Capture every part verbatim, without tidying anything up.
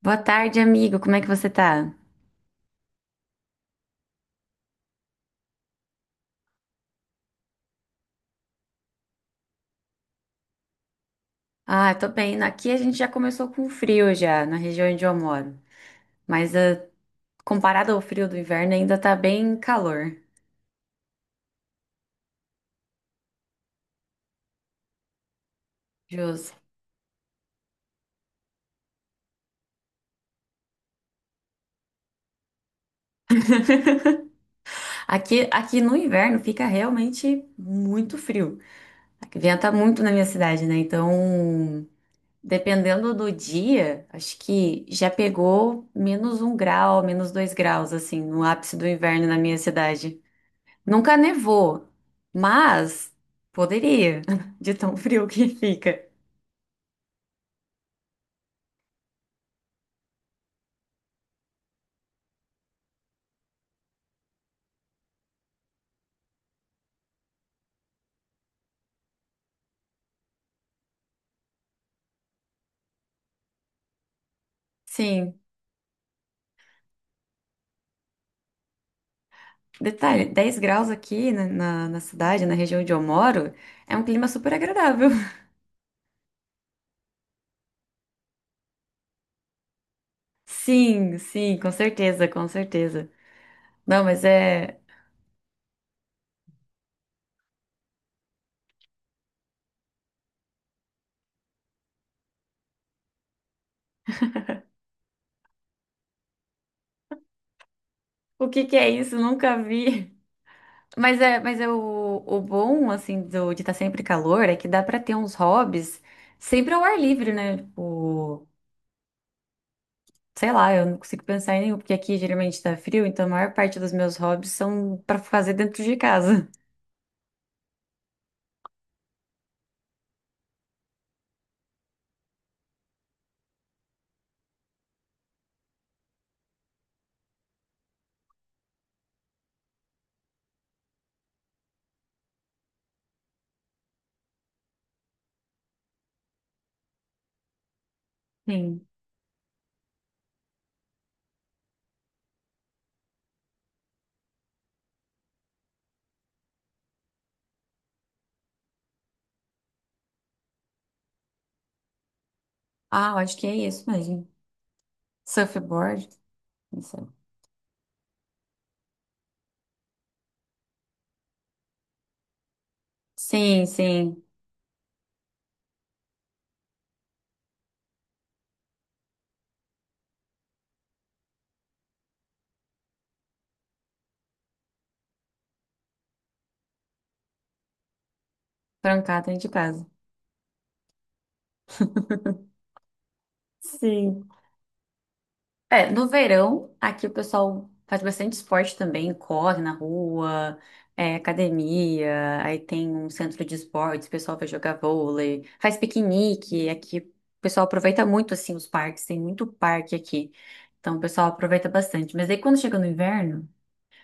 Boa tarde, amigo. Como é que você tá? Ah, eu tô bem. Aqui a gente já começou com frio já, na região onde eu moro. Mas ah, comparado ao frio do inverno, ainda tá bem calor. Justo. Aqui, aqui no inverno fica realmente muito frio. Aqui venta muito na minha cidade, né? Então, dependendo do dia, acho que já pegou menos um grau, menos dois graus, assim, no ápice do inverno na minha cidade. Nunca nevou, mas poderia, de tão frio que fica. Sim, detalhe, dez graus aqui na, na, na cidade, na região onde eu moro, é um clima super agradável. Sim, sim, com certeza, com certeza. Não, mas é. O que que é isso? Nunca vi. Mas é, mas é o, o bom, assim, do, de estar sempre calor é que dá pra ter uns hobbies sempre ao ar livre, né? Tipo, sei lá, eu não consigo pensar em nenhum, porque aqui geralmente tá frio, então a maior parte dos meus hobbies são pra fazer dentro de casa. Sim. Ah, eu acho que é isso mesmo. Surfboard? Não sei. Sim, sim. Trancar dentro de casa. Sim. É, no verão, aqui o pessoal faz bastante esporte também, corre na rua, é, academia, aí tem um centro de esportes, o pessoal vai jogar vôlei, faz piquenique, aqui o pessoal aproveita muito, assim, os parques, tem muito parque aqui, então o pessoal aproveita bastante, mas aí quando chega no inverno,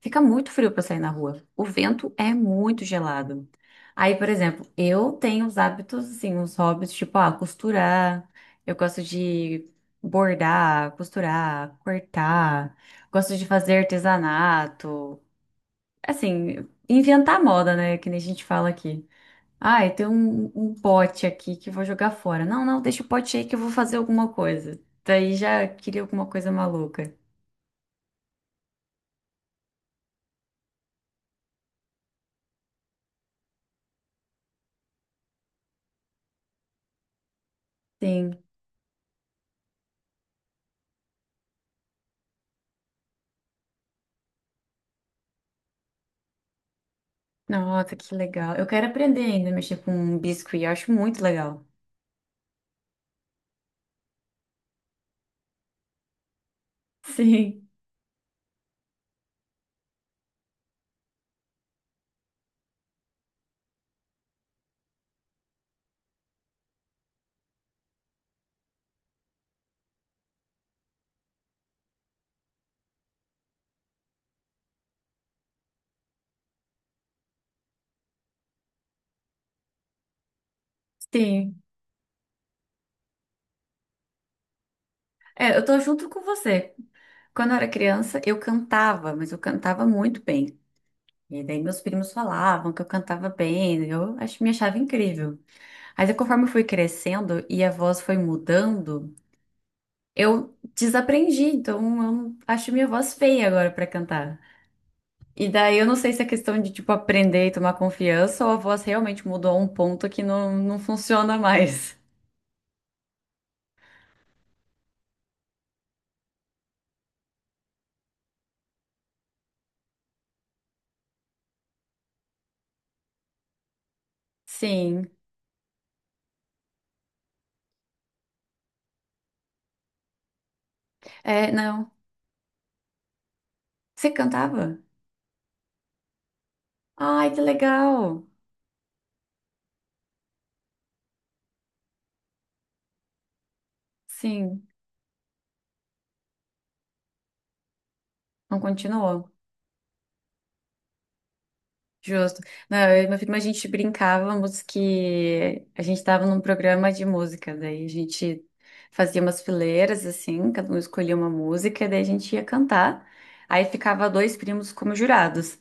fica muito frio para sair na rua. O vento é muito gelado. Aí, por exemplo, eu tenho os hábitos, assim, os hobbies, tipo, ah, costurar. Eu gosto de bordar, costurar, cortar. Gosto de fazer artesanato. Assim, inventar moda, né? Que nem a gente fala aqui. Ah, tem um, um pote aqui que eu vou jogar fora. Não, não, deixa o pote aí que eu vou fazer alguma coisa. Daí já queria alguma coisa maluca. Sim. Nossa, que legal. Eu quero aprender ainda a mexer com biscuit, eu acho muito legal. Sim, sim. É, eu tô junto com você. Quando eu era criança, eu cantava, mas eu cantava muito bem. E daí meus primos falavam que eu cantava bem, eu acho, me achava incrível. Mas aí conforme eu fui crescendo e a voz foi mudando, eu desaprendi, então eu não- acho minha voz feia agora pra cantar. E daí eu não sei se é questão de, tipo, aprender e tomar confiança ou a voz realmente mudou a um ponto que não, não funciona mais. Sim. É, não. Você cantava? Ai, que legal. Sim. Não continuou. Justo. Não, eu e meu filho, mas a gente brincávamos que a gente estava num programa de música, daí a gente fazia umas fileiras assim, cada um escolhia uma música, daí a gente ia cantar. Aí ficava dois primos como jurados.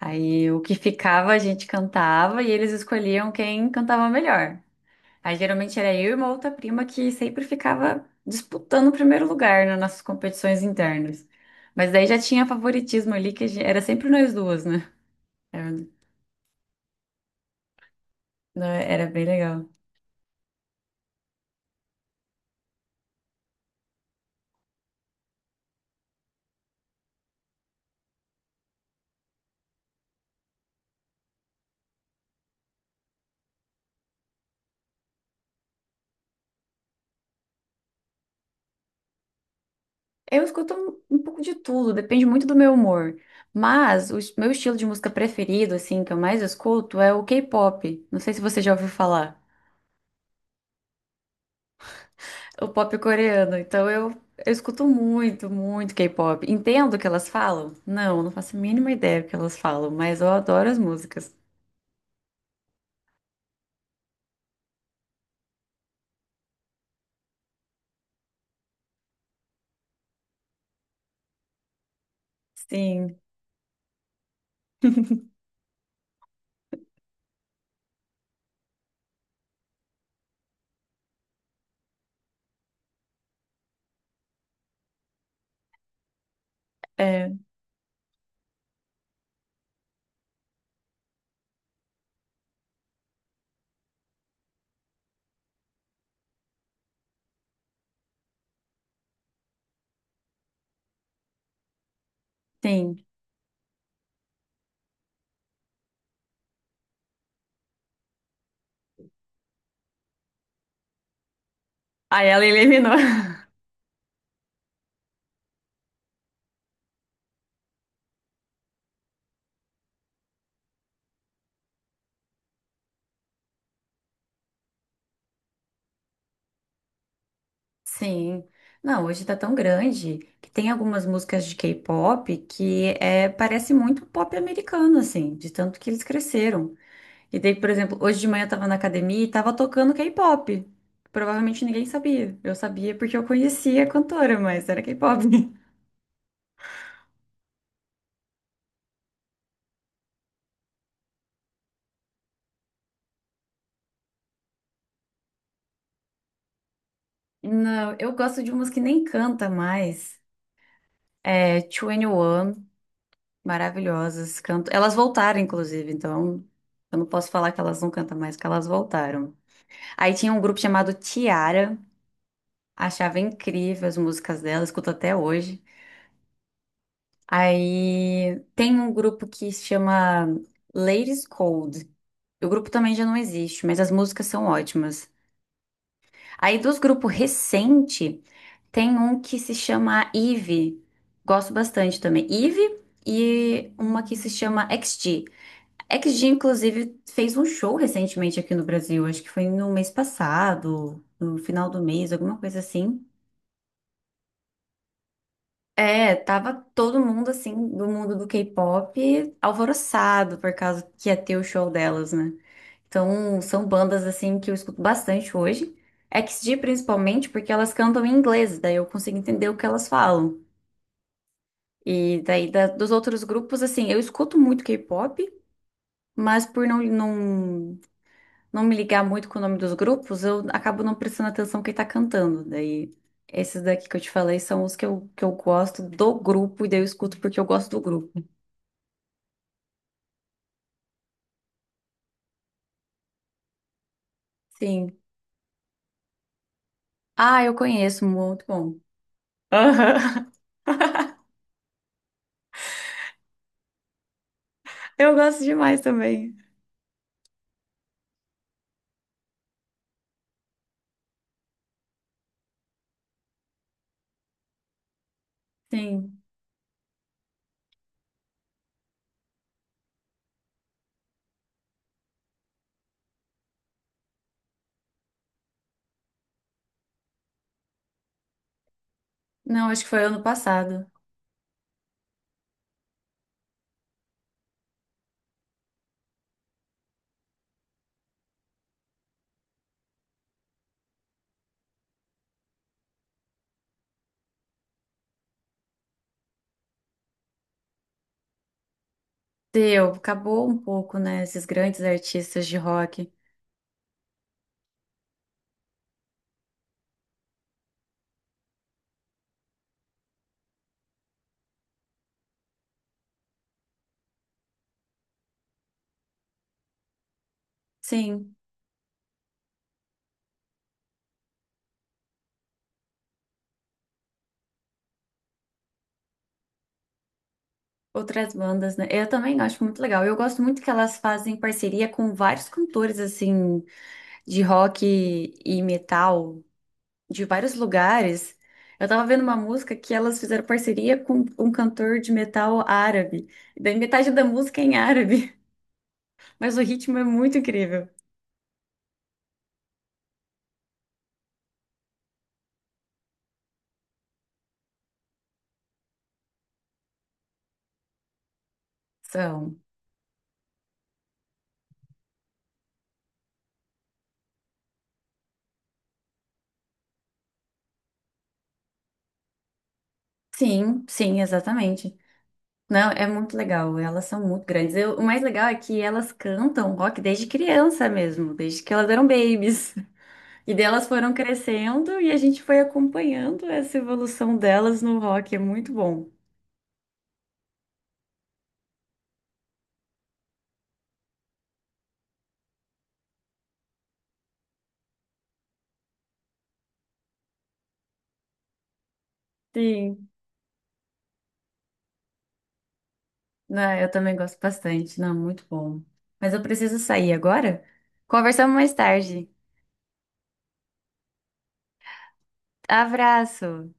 Aí o que ficava a gente cantava e eles escolhiam quem cantava melhor. Aí geralmente era eu e uma outra prima que sempre ficava disputando o primeiro lugar, né, nas nossas competições internas. Mas daí já tinha favoritismo ali, que a gen- era sempre nós duas, né? Era, né, era bem legal. Eu escuto um, um pouco de tudo, depende muito do meu humor. Mas o es- meu estilo de música preferido, assim, que eu mais escuto é o K-pop. Não sei se você já ouviu falar. O pop coreano. Então eu, eu escuto muito, muito K-pop. Entendo o que elas falam? Não, não faço a mínima ideia do que elas falam, mas eu adoro as músicas. Sim, é, sim. Aí ela eliminou. Sim. Não, hoje tá tão grande que tem algumas músicas de K-pop que é, parece muito pop americano, assim, de tanto que eles cresceram. E daí, por exemplo, hoje de manhã eu tava na academia e tava tocando K-pop. Provavelmente ninguém sabia. Eu sabia porque eu conhecia a cantora, mas era K-pop. Não, eu gosto de umas que nem canta mais. É, vinte e um, Maravilhosas. Canto... Elas voltaram, inclusive, então eu não posso falar que elas não cantam mais, que elas voltaram. Aí tinha um grupo chamado Tiara, achava incrível as músicas dela, escuto até hoje. Aí tem um grupo que se chama Ladies Cold. O grupo também já não existe, mas as músicas são ótimas. Aí dos grupos recente, tem um que se chama Eve. Gosto bastante também. Eve e uma que se chama X G. X G, inclusive, fez um show recentemente aqui no Brasil. Acho que foi no mês passado, no final do mês, alguma coisa assim. É, tava todo mundo, assim, do mundo do K-pop alvoroçado por causa que ia ter o show delas, né? Então, são bandas, assim, que eu escuto bastante hoje. X G, principalmente, porque elas cantam em inglês, daí eu consigo entender o que elas falam. E daí, da- dos outros grupos, assim, eu escuto muito K-pop, mas por não, não não me ligar muito com o nome dos grupos, eu acabo não prestando atenção quem tá cantando. Daí, esses daqui que eu te falei são os que eu, que eu gosto do grupo, e daí eu escuto porque eu gosto do grupo. Sim. Ah, eu conheço, muito bom. Aham. Eu gosto demais também. Sim. Não, acho que foi ano passado. Deu, acabou um pouco, né? Esses grandes artistas de rock. Sim, outras bandas, né? Eu também acho muito legal. Eu gosto muito que elas fazem parceria com vários cantores, assim, de rock e metal de vários lugares. Eu tava vendo uma música que elas fizeram parceria com um cantor de metal árabe. E daí metade da música é em árabe, mas o ritmo é muito incrível. São. Sim, sim, exatamente. Não, é muito legal. Elas são muito grandes. Eu- o mais legal é que elas cantam rock desde criança mesmo, desde que elas eram babies. E delas foram crescendo e a gente foi acompanhando essa evolução delas no rock. É muito bom. Sim. Ah, eu também gosto bastante. Não, muito bom. Mas eu preciso sair agora. Conversamos mais tarde. Abraço!